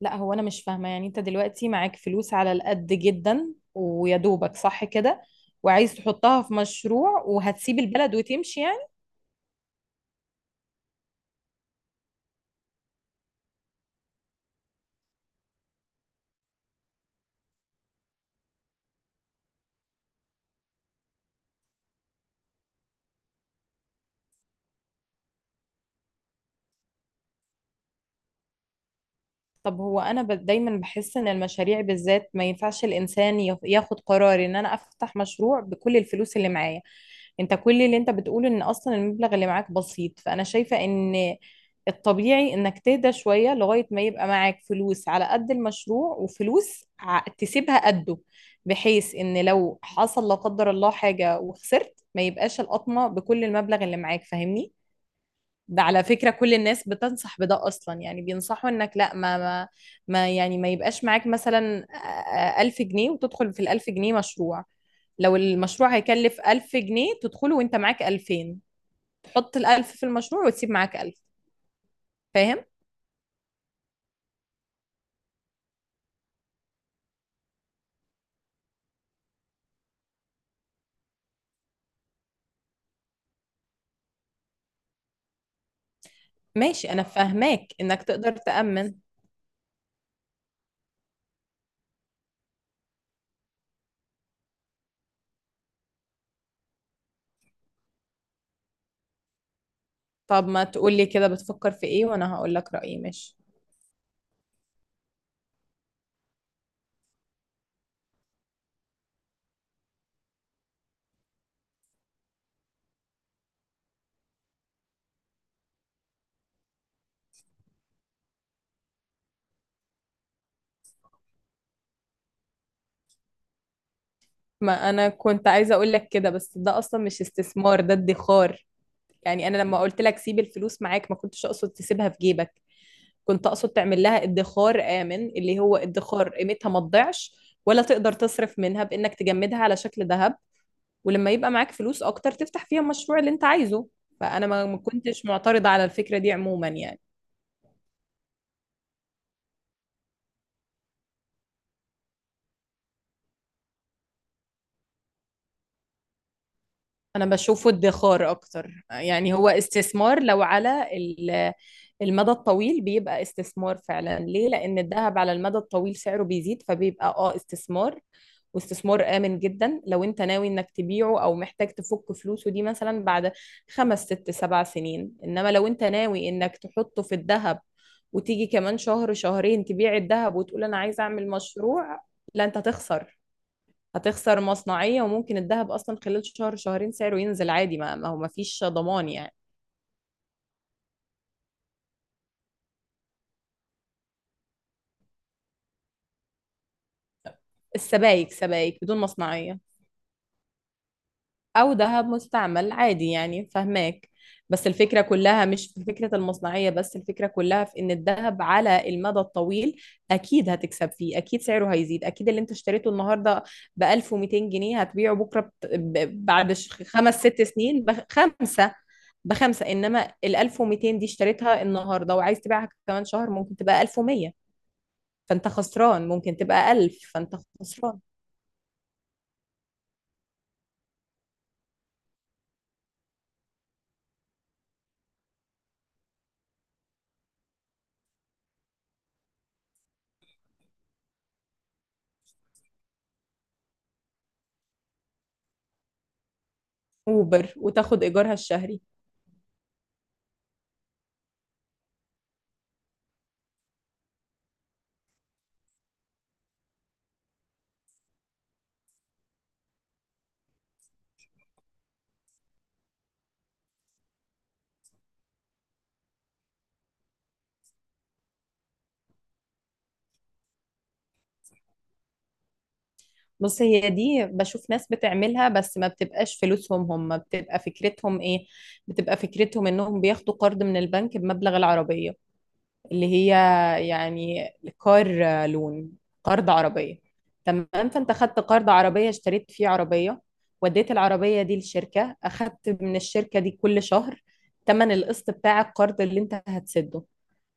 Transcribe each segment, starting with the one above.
لا، هو انا مش فاهمه. يعني انت دلوقتي معاك فلوس على القد جدا ويا دوبك صح كده، وعايز تحطها في مشروع وهتسيب البلد وتمشي يعني؟ طب هو انا دايما بحس ان المشاريع بالذات ما ينفعش الانسان ياخد قرار ان انا افتح مشروع بكل الفلوس اللي معايا. انت كل اللي انت بتقوله ان اصلا المبلغ اللي معاك بسيط، فانا شايفة ان الطبيعي انك تهدى شوية لغاية ما يبقى معاك فلوس على قد المشروع وفلوس تسيبها قده، بحيث ان لو حصل لا قدر الله حاجة وخسرت ما يبقاش القطمة بكل المبلغ اللي معاك. فاهمني؟ ده على فكرة كل الناس بتنصح بده أصلا، يعني بينصحوا إنك لا ما يعني ما يبقاش معاك مثلا 1000 جنيه وتدخل في ال1000 جنيه مشروع. لو المشروع هيكلف 1000 جنيه تدخله وأنت معاك 2000، تحط ال1000 في المشروع وتسيب معاك 1000. فاهم؟ ماشي، أنا فاهماك إنك تقدر تأمن. طب ما تقولي كده بتفكر في إيه، وأنا هقول لك رأيي. ماشي. ما أنا كنت عايزة أقول لك كده، بس ده أصلا مش استثمار، ده ادخار يعني. أنا لما قلت لك سيب الفلوس معاك ما كنتش أقصد تسيبها في جيبك، كنت اقصد تعمل لها ادخار آمن، اللي هو ادخار قيمتها ما تضيعش ولا تقدر تصرف منها، بانك تجمدها على شكل ذهب. ولما يبقى معاك فلوس اكتر تفتح فيها المشروع اللي انت عايزه. فانا ما كنتش معترضة على الفكرة دي عموما يعني. انا بشوفه ادخار اكتر، يعني هو استثمار لو على المدى الطويل بيبقى استثمار فعلا. ليه؟ لان الذهب على المدى الطويل سعره بيزيد فبيبقى استثمار، واستثمار آمن جدا لو انت ناوي انك تبيعه او محتاج تفك فلوسه دي مثلا بعد 5 6 7 سنين. انما لو انت ناوي انك تحطه في الذهب وتيجي كمان شهر شهرين تبيع الذهب وتقول انا عايز اعمل مشروع، لا انت هتخسر. هتخسر مصنعية، وممكن الذهب أصلا خلال شهر شهرين سعره ينزل عادي. ما هو ما فيش ضمان يعني. السبائك، سبائك بدون مصنعية، او ذهب مستعمل عادي يعني، فهماك؟ بس الفكرة كلها مش في فكرة المصنعية، بس الفكرة كلها في ان الذهب على المدى الطويل اكيد هتكسب فيه، اكيد سعره هيزيد، اكيد اللي انت اشتريته النهاردة ب 1200 جنيه هتبيعه بكرة بعد 5 6 سنين بخمسة. انما ال 1200 دي اشتريتها النهاردة وعايز تبيعها كمان شهر ممكن تبقى 1100، فانت خسران. ممكن تبقى 1000، فانت خسران. اوبر وتاخد ايجارها الشهري. بص، هي دي بشوف ناس بتعملها، بس ما بتبقاش فلوسهم هم. بتبقى فكرتهم ايه؟ بتبقى فكرتهم انهم بياخدوا قرض من البنك بمبلغ العربية، اللي هي يعني كار لون، قرض عربية. تمام، فانت خدت قرض عربية، اشتريت فيه عربية، وديت العربية دي للشركة، اخدت من الشركة دي كل شهر تمن القسط بتاع القرض اللي انت هتسده.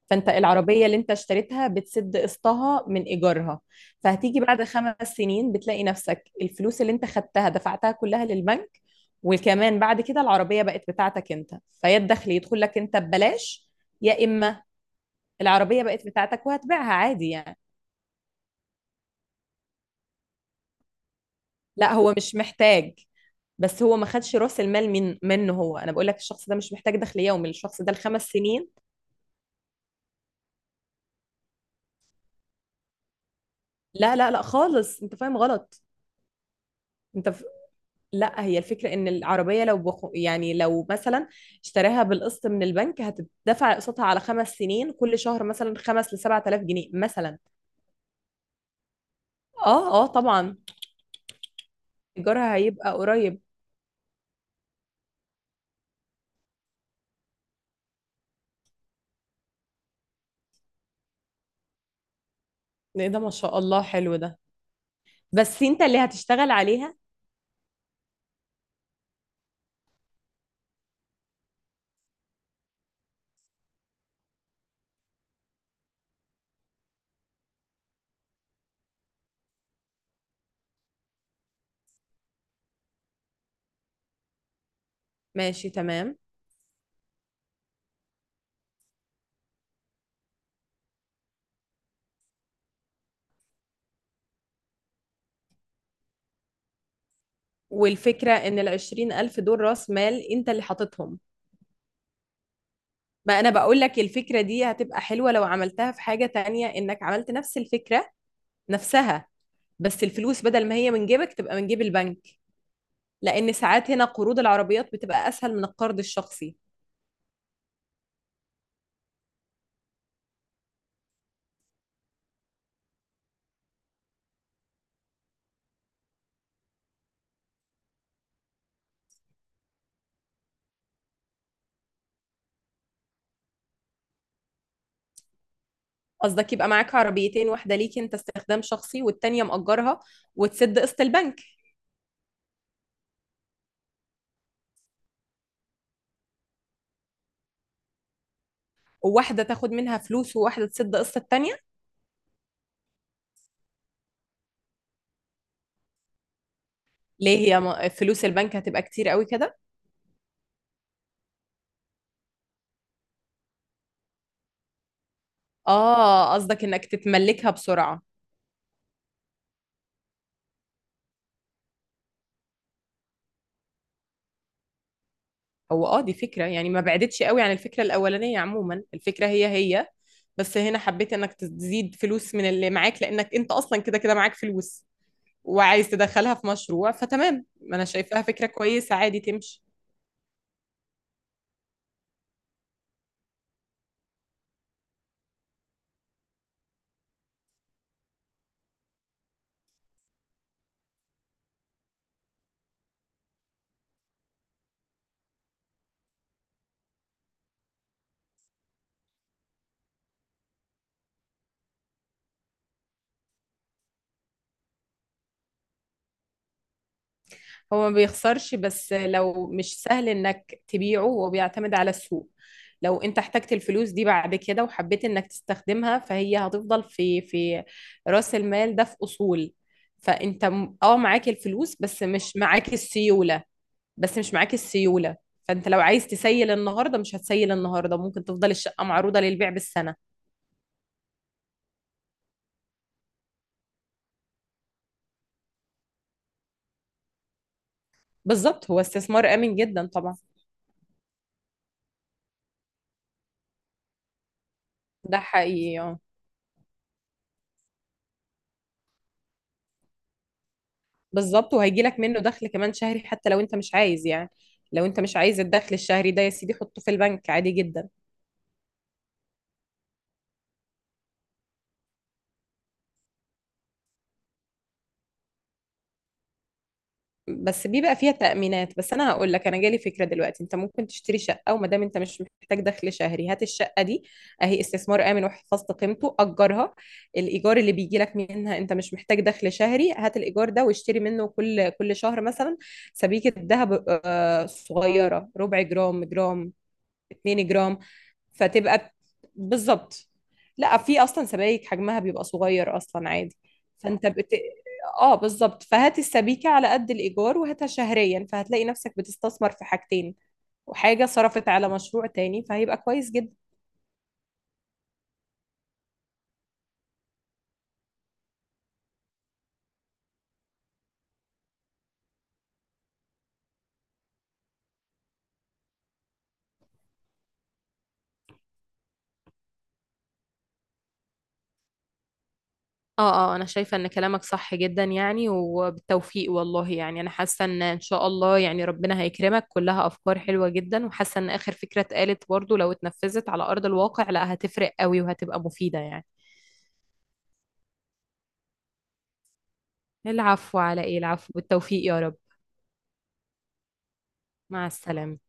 فانت العربية اللي انت اشتريتها بتسد قسطها من ايجارها. فهتيجي بعد 5 سنين بتلاقي نفسك الفلوس اللي انت خدتها دفعتها كلها للبنك، وكمان بعد كده العربية بقت بتاعتك انت. فيا الدخل يدخل لك انت ببلاش، يا اما العربية بقت بتاعتك وهتبيعها عادي يعني. لا، هو مش محتاج، بس هو ما خدش راس المال منه. هو انا بقول لك الشخص ده مش محتاج دخل يومي، الشخص ده ال5 سنين. لا لا لا خالص، انت فاهم غلط. انت لا، هي الفكرة ان العربية لو يعني لو مثلا اشتراها بالقسط من البنك هتدفع قسطها على 5 سنين كل شهر مثلا 5 ل7000 جنيه مثلا. اه اه، طبعا ايجارها هيبقى قريب. إيه ده؟ ما شاء الله، حلو ده، بس انت اللي هتشتغل عليها. ماشي، تمام. والفكرة ان ال20 ألف دول راس مال انت اللي حاططهم. ما انا بقول لك الفكرة دي هتبقى حلوة لو عملتها في حاجة تانية، انك عملت نفس الفكرة نفسها، بس الفلوس بدل ما هي من جيبك تبقى من جيب البنك، لان ساعات هنا قروض العربيات بتبقى اسهل من القرض الشخصي. قصدك يبقى معاك عربيتين، واحده ليك انت استخدام شخصي والتانيه مأجرها وتسد قسط البنك، وواحده تاخد منها فلوس وواحده تسد قسط التانيه. ليه؟ هي فلوس البنك هتبقى كتير قوي كده. اه، قصدك انك تتملكها بسرعه. هو دي فكره يعني، ما بعدتش قوي عن الفكره الاولانيه عموما. الفكره هي هي، بس هنا حبيت انك تزيد فلوس من اللي معاك، لانك انت اصلا كده كده معاك فلوس وعايز تدخلها في مشروع، فتمام. ما انا شايفاها فكرة كويسة، عادي تمشي. هو ما بيخسرش، بس لو مش سهل انك تبيعه، هو بيعتمد على السوق. لو انت احتجت الفلوس دي بعد كده وحبيت انك تستخدمها، فهي هتفضل في رأس المال ده، في اصول. فانت معاك الفلوس بس مش معاك السيولة. بس مش معاك السيولة فانت لو عايز تسيل النهارده مش هتسيل النهارده، ممكن تفضل الشقة معروضة للبيع بالسنة. بالظبط، هو استثمار آمن جدا طبعا. ده حقيقي آه. بالظبط، وهيجي لك منه دخل كمان شهري، حتى لو انت مش عايز يعني. لو انت مش عايز الدخل الشهري ده يا سيدي، حطه في البنك عادي جدا. بس بيبقى فيها تأمينات. بس انا هقول لك، انا جالي فكرة دلوقتي. انت ممكن تشتري شقة، وما دام انت مش محتاج دخل شهري، هات الشقة دي اهي استثمار آمن وحفظت قيمته، اجرها. الايجار اللي بيجي لك منها، انت مش محتاج دخل شهري، هات الايجار ده واشتري منه كل شهر مثلا سبيكة ذهب صغيرة، 1/4 جرام، جرام، 2 جرام. فتبقى بالظبط. لا، في اصلا سبايك حجمها بيبقى صغير اصلا عادي. فانت اه بالظبط، فهات السبيكه على قد الايجار وهاتها شهريا، فهتلاقي نفسك بتستثمر في حاجتين، وحاجه صرفت على مشروع تاني، فهيبقى كويس جدا. اه اه، انا شايفة ان كلامك صح جدا يعني، وبالتوفيق والله، يعني انا حاسة ان ان شاء الله يعني ربنا هيكرمك. كلها افكار حلوة جدا، وحاسة ان اخر فكرة اتقالت برضو لو اتنفذت على ارض الواقع لا هتفرق قوي وهتبقى مفيدة يعني. العفو، على ايه العفو؟ بالتوفيق يا رب. مع السلامة.